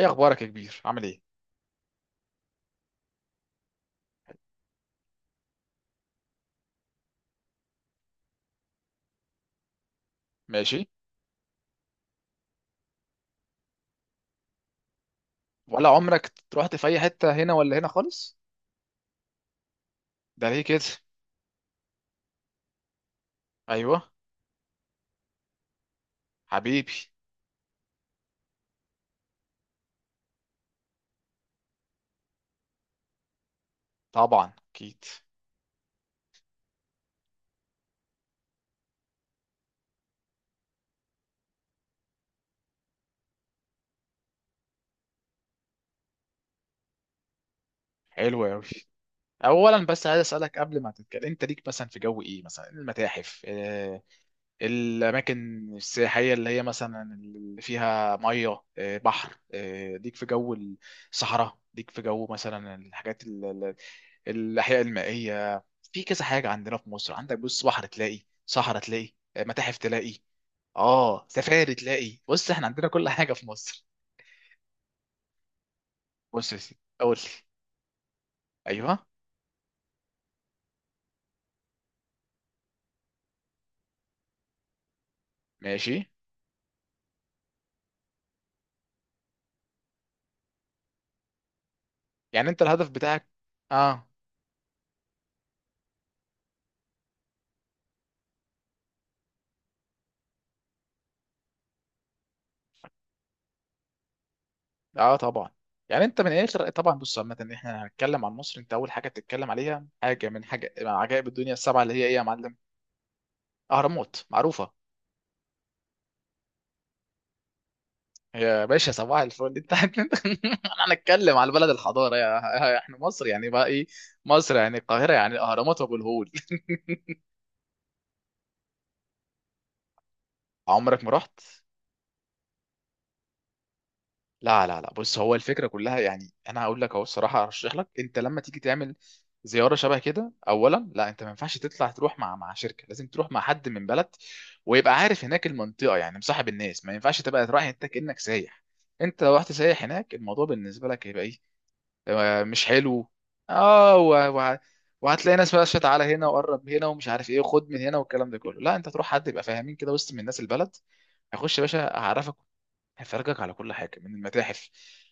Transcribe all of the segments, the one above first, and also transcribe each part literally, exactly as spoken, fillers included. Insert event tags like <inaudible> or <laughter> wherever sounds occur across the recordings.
ايه اخبارك يا كبير؟ عامل ايه؟ ماشي. ولا عمرك رحت في اي حته هنا ولا هنا خالص؟ ده ليه كده؟ ايوه. حبيبي. طبعا اكيد. حلو قوي. اولا بس عايز اسالك قبل ما تتكلم، انت ليك مثلا في جو ايه؟ مثلا المتاحف آه، الاماكن السياحيه اللي هي مثلا اللي فيها ميه آه، بحر آه، ليك في جو الصحراء؟ ليك في جو مثلا الحاجات ال- ال- الاحياء المائيه؟ في كذا حاجه عندنا في مصر. عندك بص بحر تلاقي، صحراء تلاقي، آه، متاحف تلاقي، اه سفاري تلاقي. بص احنا عندنا كل حاجه في مصر. بص يا سيدي اقول لك. ايوه. ماشي. يعني انت الهدف بتاعك. اه اه طبعا. يعني انت من الاخر طبعا، بص عامه احنا هنتكلم عن مصر. انت اول حاجه بتتكلم عليها حاجه من، حاجه من عجائب الدنيا السبعه، اللي هي ايه يا معلم؟ اهرامات معروفه. يا باشا صباح الفل انت <laughs> انا هنتكلم على بلد الحضاره، يا احنا مصر يعني بقى ايه. مصر يعني القاهره، يعني الاهرامات وابو الهول. <laughs> عمرك ما رحت. لا لا لا بص، هو الفكره كلها يعني انا هقول لك اهو، الصراحه ارشح لك انت لما تيجي تعمل زياره شبه كده. اولا لا، انت ما ينفعش تطلع تروح مع مع شركه، لازم تروح مع حد من بلد، ويبقى عارف هناك المنطقه، يعني مصاحب الناس. ما ينفعش تبقى رايح انت كانك سايح. انت لو رحت سايح هناك الموضوع بالنسبه لك هيبقى ايه، آه، مش حلو. اه و... و... وهتلاقي ناس بقى شت على هنا، وقرب هنا، ومش عارف ايه، وخد من هنا، والكلام ده كله. لا انت تروح حد يبقى فاهمين كده، وسط من الناس البلد. هيخش يا باشا هعرفك، هيفرجك على كل حاجه من المتاحف،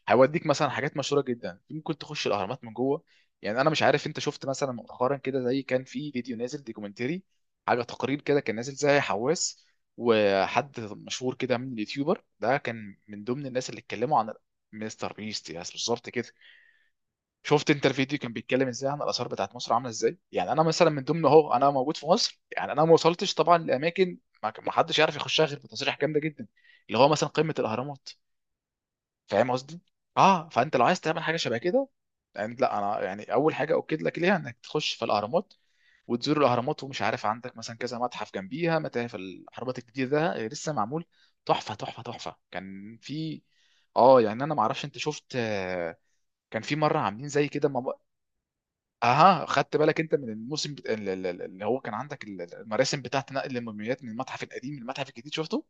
هيوديك مثلا حاجات مشهوره جدا، ممكن تخش الاهرامات من جوه. يعني انا مش عارف انت شفت مثلا مؤخرا كده، زي كان في فيديو نازل دوكيومنتري، حاجه تقرير كده كان نازل زي حواس، وحد مشهور كده من اليوتيوبر ده كان من ضمن الناس اللي اتكلموا عن مستر بيست. يعني بالظبط كده. شفت انت الفيديو كان بيتكلم ازاي عن الاثار بتاعت مصر عامله ازاي؟ يعني انا مثلا من ضمن اهو انا موجود في مصر، يعني انا ما وصلتش طبعا لاماكن ما ما حدش يعرف يخشها غير بتصريح جامده جدا، اللي هو مثلا قمه الاهرامات. فاهم قصدي. اه فانت لو عايز تعمل حاجه شبه كده، يعني لا، انا يعني اول حاجه اؤكد لك ليها انك تخش في الاهرامات وتزور الاهرامات. ومش عارف عندك مثلا كذا متحف جنبيها، متاحف الاهرامات الجديده ده آه، لسه معمول. تحفه تحفه تحفه كان في اه، يعني انا ما اعرفش انت شفت آه، كان في مره عاملين زي كده مم... اها. خدت بالك انت من الموسم بت... ال- ال- ال- اللي هو كان عندك ال- المراسم بتاعت نقل الموميات من المتحف القديم للمتحف الجديد؟ شفته؟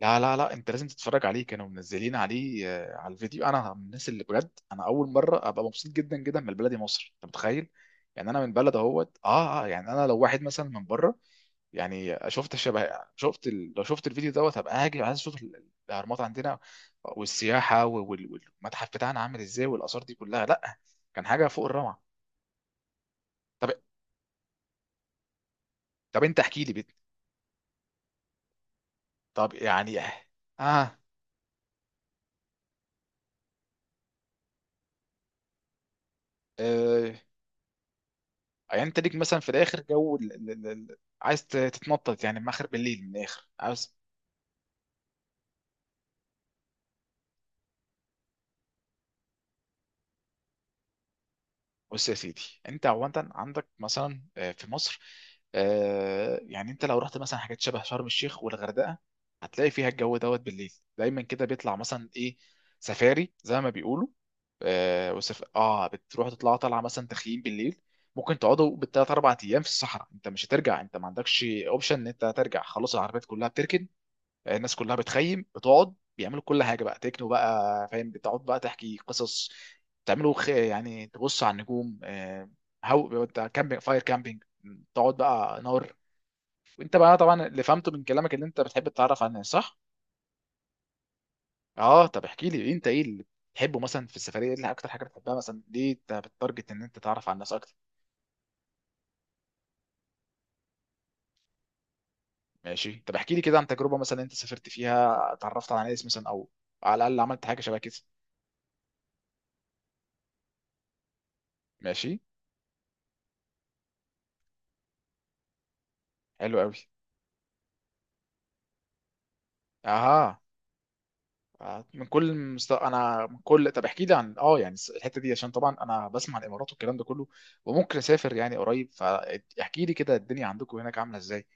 لا لا لا انت لازم تتفرج عليه. كانوا منزلين عليه آه، على الفيديو. انا من الناس اللي بجد انا اول مره ابقى مبسوط جدا جدا من بلدي مصر، انت متخيل. يعني انا من بلد اهوت اه اه، يعني انا لو واحد مثلا من بره، يعني شفت شبه، شفت ال... لو شفت الفيديو دوت، هبقى هاجي عايز اشوف ال- الاهرامات عندنا والسياحه وال... والمتحف بتاعنا عامل ازاي، والاثار دي كلها. لا كان حاجه فوق الروعه. طب. طب انت احكي لي بت... طب يعني اه, آه. يعني انت ليك مثلا في الاخر جو ال- ال- ال- ال- عايز ت- تتنطط يعني من اخر بالليل، من الاخر عاوز؟ بص يا سيدي، انت عوانت عندك مثلا آه، في مصر آه، يعني انت لو رحت مثلا حاجات شبه شرم الشيخ والغردقه، هتلاقي فيها الجو دوت بالليل دايما كده بيطلع مثلا ايه، سفاري زي ما بيقولوا آه وسف... اه بتروح تطلع طالعه مثلا تخييم بالليل. ممكن تقعدوا بالثلاث اربع ايام في الصحراء، انت مش هترجع، انت ما عندكش اوبشن ان انت ترجع، خلاص العربيات كلها بتركن، الناس كلها بتخيم، بتقعد بيعملوا كل حاجه بقى، تكنو بقى فاهم، بتقعد بقى تحكي قصص، تعملوا خ... يعني تبص على النجوم آه، هو بتاع كامبينج فاير، كامبينج، تقعد بقى نار. وانت بقى طبعا اللي فهمته من كلامك اللي انت بتحب تتعرف على الناس، صح؟ اه طب احكي لي انت ايه اللي بتحبه مثلا في السفريه، ايه اللي اكتر حاجه بتحبها، مثلا ليه انت بتتارجت ان انت تعرف على الناس اكتر؟ ماشي طب احكي لي كده عن تجربه مثلا انت سافرت فيها اتعرفت على ناس مثلا، او على الاقل عملت حاجه شبه كده. ماشي. حلو قوي. اها. آه، من كل مست... انا من كل، طب احكي لي عن اه، يعني الس- الحته دي، عشان طبعا انا بسمع الامارات والكلام ده كله، وممكن اسافر يعني قريب، فاحكي لي كده الدنيا عندكم هناك عامله ازاي.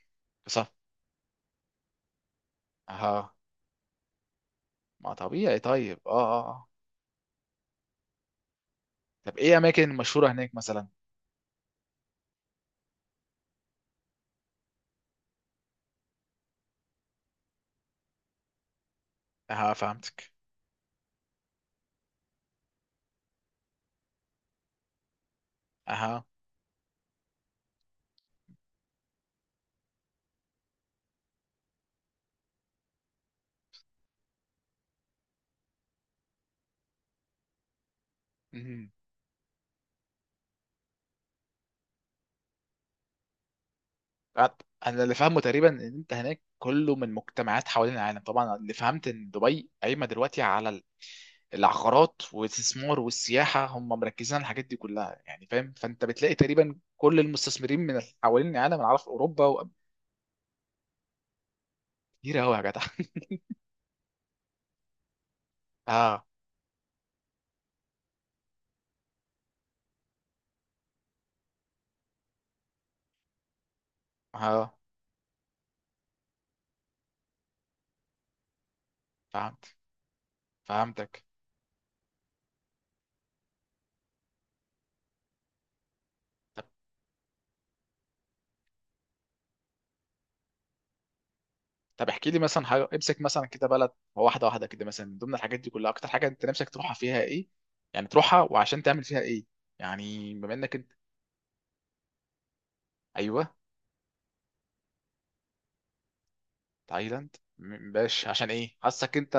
صح. اه. ما طبيعي. طيب اه اه آه. طب ايه اماكن مشهوره هناك مثلا؟ اه فهمتك. اه. مهم. آه، انا اللي فاهمه تقريبا ان انت هناك كله من مجتمعات حوالين العالم، طبعا اللي فهمت ان دبي قايمه دلوقتي على العقارات والاستثمار والسياحه، هم مركزين على الحاجات دي كلها يعني فاهم. فانت بتلاقي تقريبا كل المستثمرين من حوالين العالم، انا عارف اوروبا و-. كتير قوي يا جدع. <laughs> اه اه فهمت. فهمتك. طب. طب احكي لي مثلا حاجه، امسك مثلا كده بلد واحده واحده كده مثلا من ضمن الحاجات دي كلها، اكتر حاجه انت نفسك تروحها، فيها ايه؟ يعني تروحها وعشان تعمل فيها ايه؟ يعني بما انك انت. ايوه. تايلاند م- باش، عشان ايه؟ حاسك انت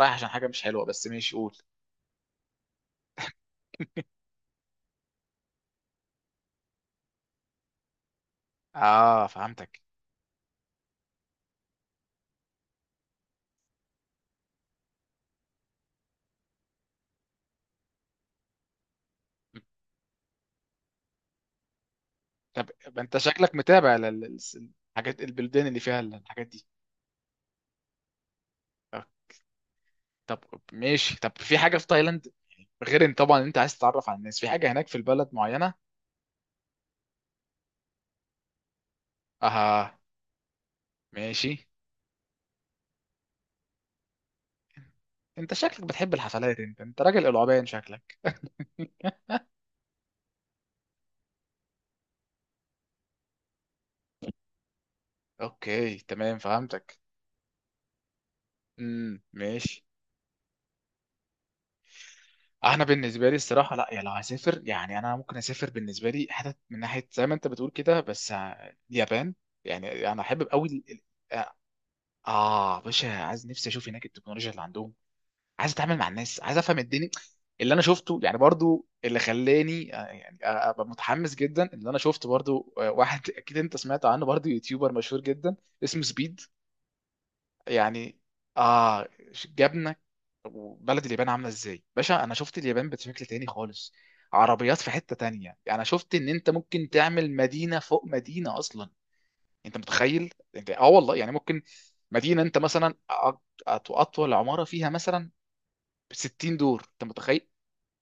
رايح عشان حاجه مش حلوه، بس ماشي قول. اه فهمتك. طب ما انت شكلك متابع لل- لل- الحاجات، البلدان اللي فيها الحاجات دي. طب. طب ماشي. طب في حاجه في تايلاند غير ان طبعا انت عايز تتعرف على الناس، في حاجه هناك في البلد معينه؟ اها. ماشي. انت شكلك بتحب الحفلات، انت انت راجل العبان شكلك. اوكي تمام فهمتك. امم ماشي. انا بالنسبه لي الصراحه لا، يعني لو هسافر يعني، انا ممكن اسافر بالنسبه لي حتت من ناحيه زي ما انت بتقول كده، بس آه، اليابان. يعني انا احب قوي. اه باشا، عايز، نفسي اشوف هناك التكنولوجيا اللي عندهم، عايز اتعامل مع الناس، عايز افهم الدنيا. اللي انا شفته يعني برضو، اللي خلاني آه، يعني آه، ابقى متحمس جدا، اللي انا شفت برضو آه، واحد <laughs> اكيد انت سمعت عنه برضو يوتيوبر مشهور جدا، اسمه سبيد. يعني. اه. جابنا وبلد اليابان عامله ازاي باشا. انا شفت اليابان بشكل تاني خالص، عربيات في حتة تانية. يعني انا شفت ان انت ممكن تعمل مدينة فوق مدينة اصلا، انت متخيل؟ انت اه والله. يعني ممكن مدينه، انت مثلا أ- أط- اطول عماره فيها مثلا ستين دور، انت متخيل؟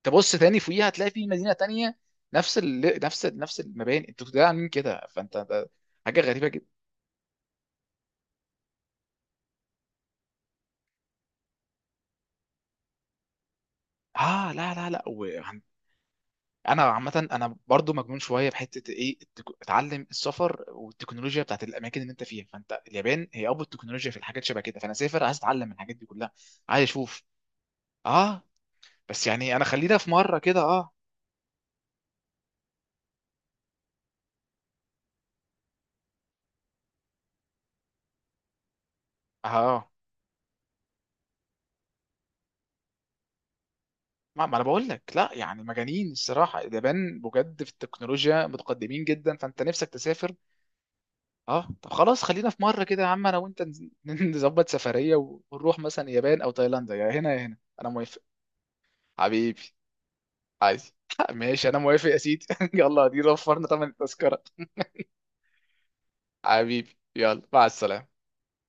تبص تاني فوقيها هتلاقي في مدينه تانية، نفس ال... نفس ال... نفس المباني، انتوا ده عاملين كده. فانت ده حاجه غريبه جدا. اه لا لا لا وهن- انا عامه انا برضو مجنون شويه بحته ايه التك- اتعلم السفر والتكنولوجيا بتاعت الاماكن اللي انت فيها، فانت اليابان هي ابو التكنولوجيا في الحاجات شبه كده، فانا سافر عايز اتعلم من الحاجات دي كلها، عايز اشوف. اه. بس يعني انا خلينا في مره كده اه. اه ما ما انا بقول لك، لا يعني مجانين الصراحه، اليابان بجد في التكنولوجيا متقدمين جدا، فانت نفسك تسافر. اه طب خلاص خلينا في مره كده يا عم انا وانت نز- <laughs> نظبط سفريه ونروح مثلا اليابان او تايلاند، يا هنا يا هنا انا موافق. حبيبي. عايز <laughs> ماشي انا موافق يا سيدي. <laughs> يلا دي وفرنا ثمن التذكره. حبيبي يلا مع السلامه.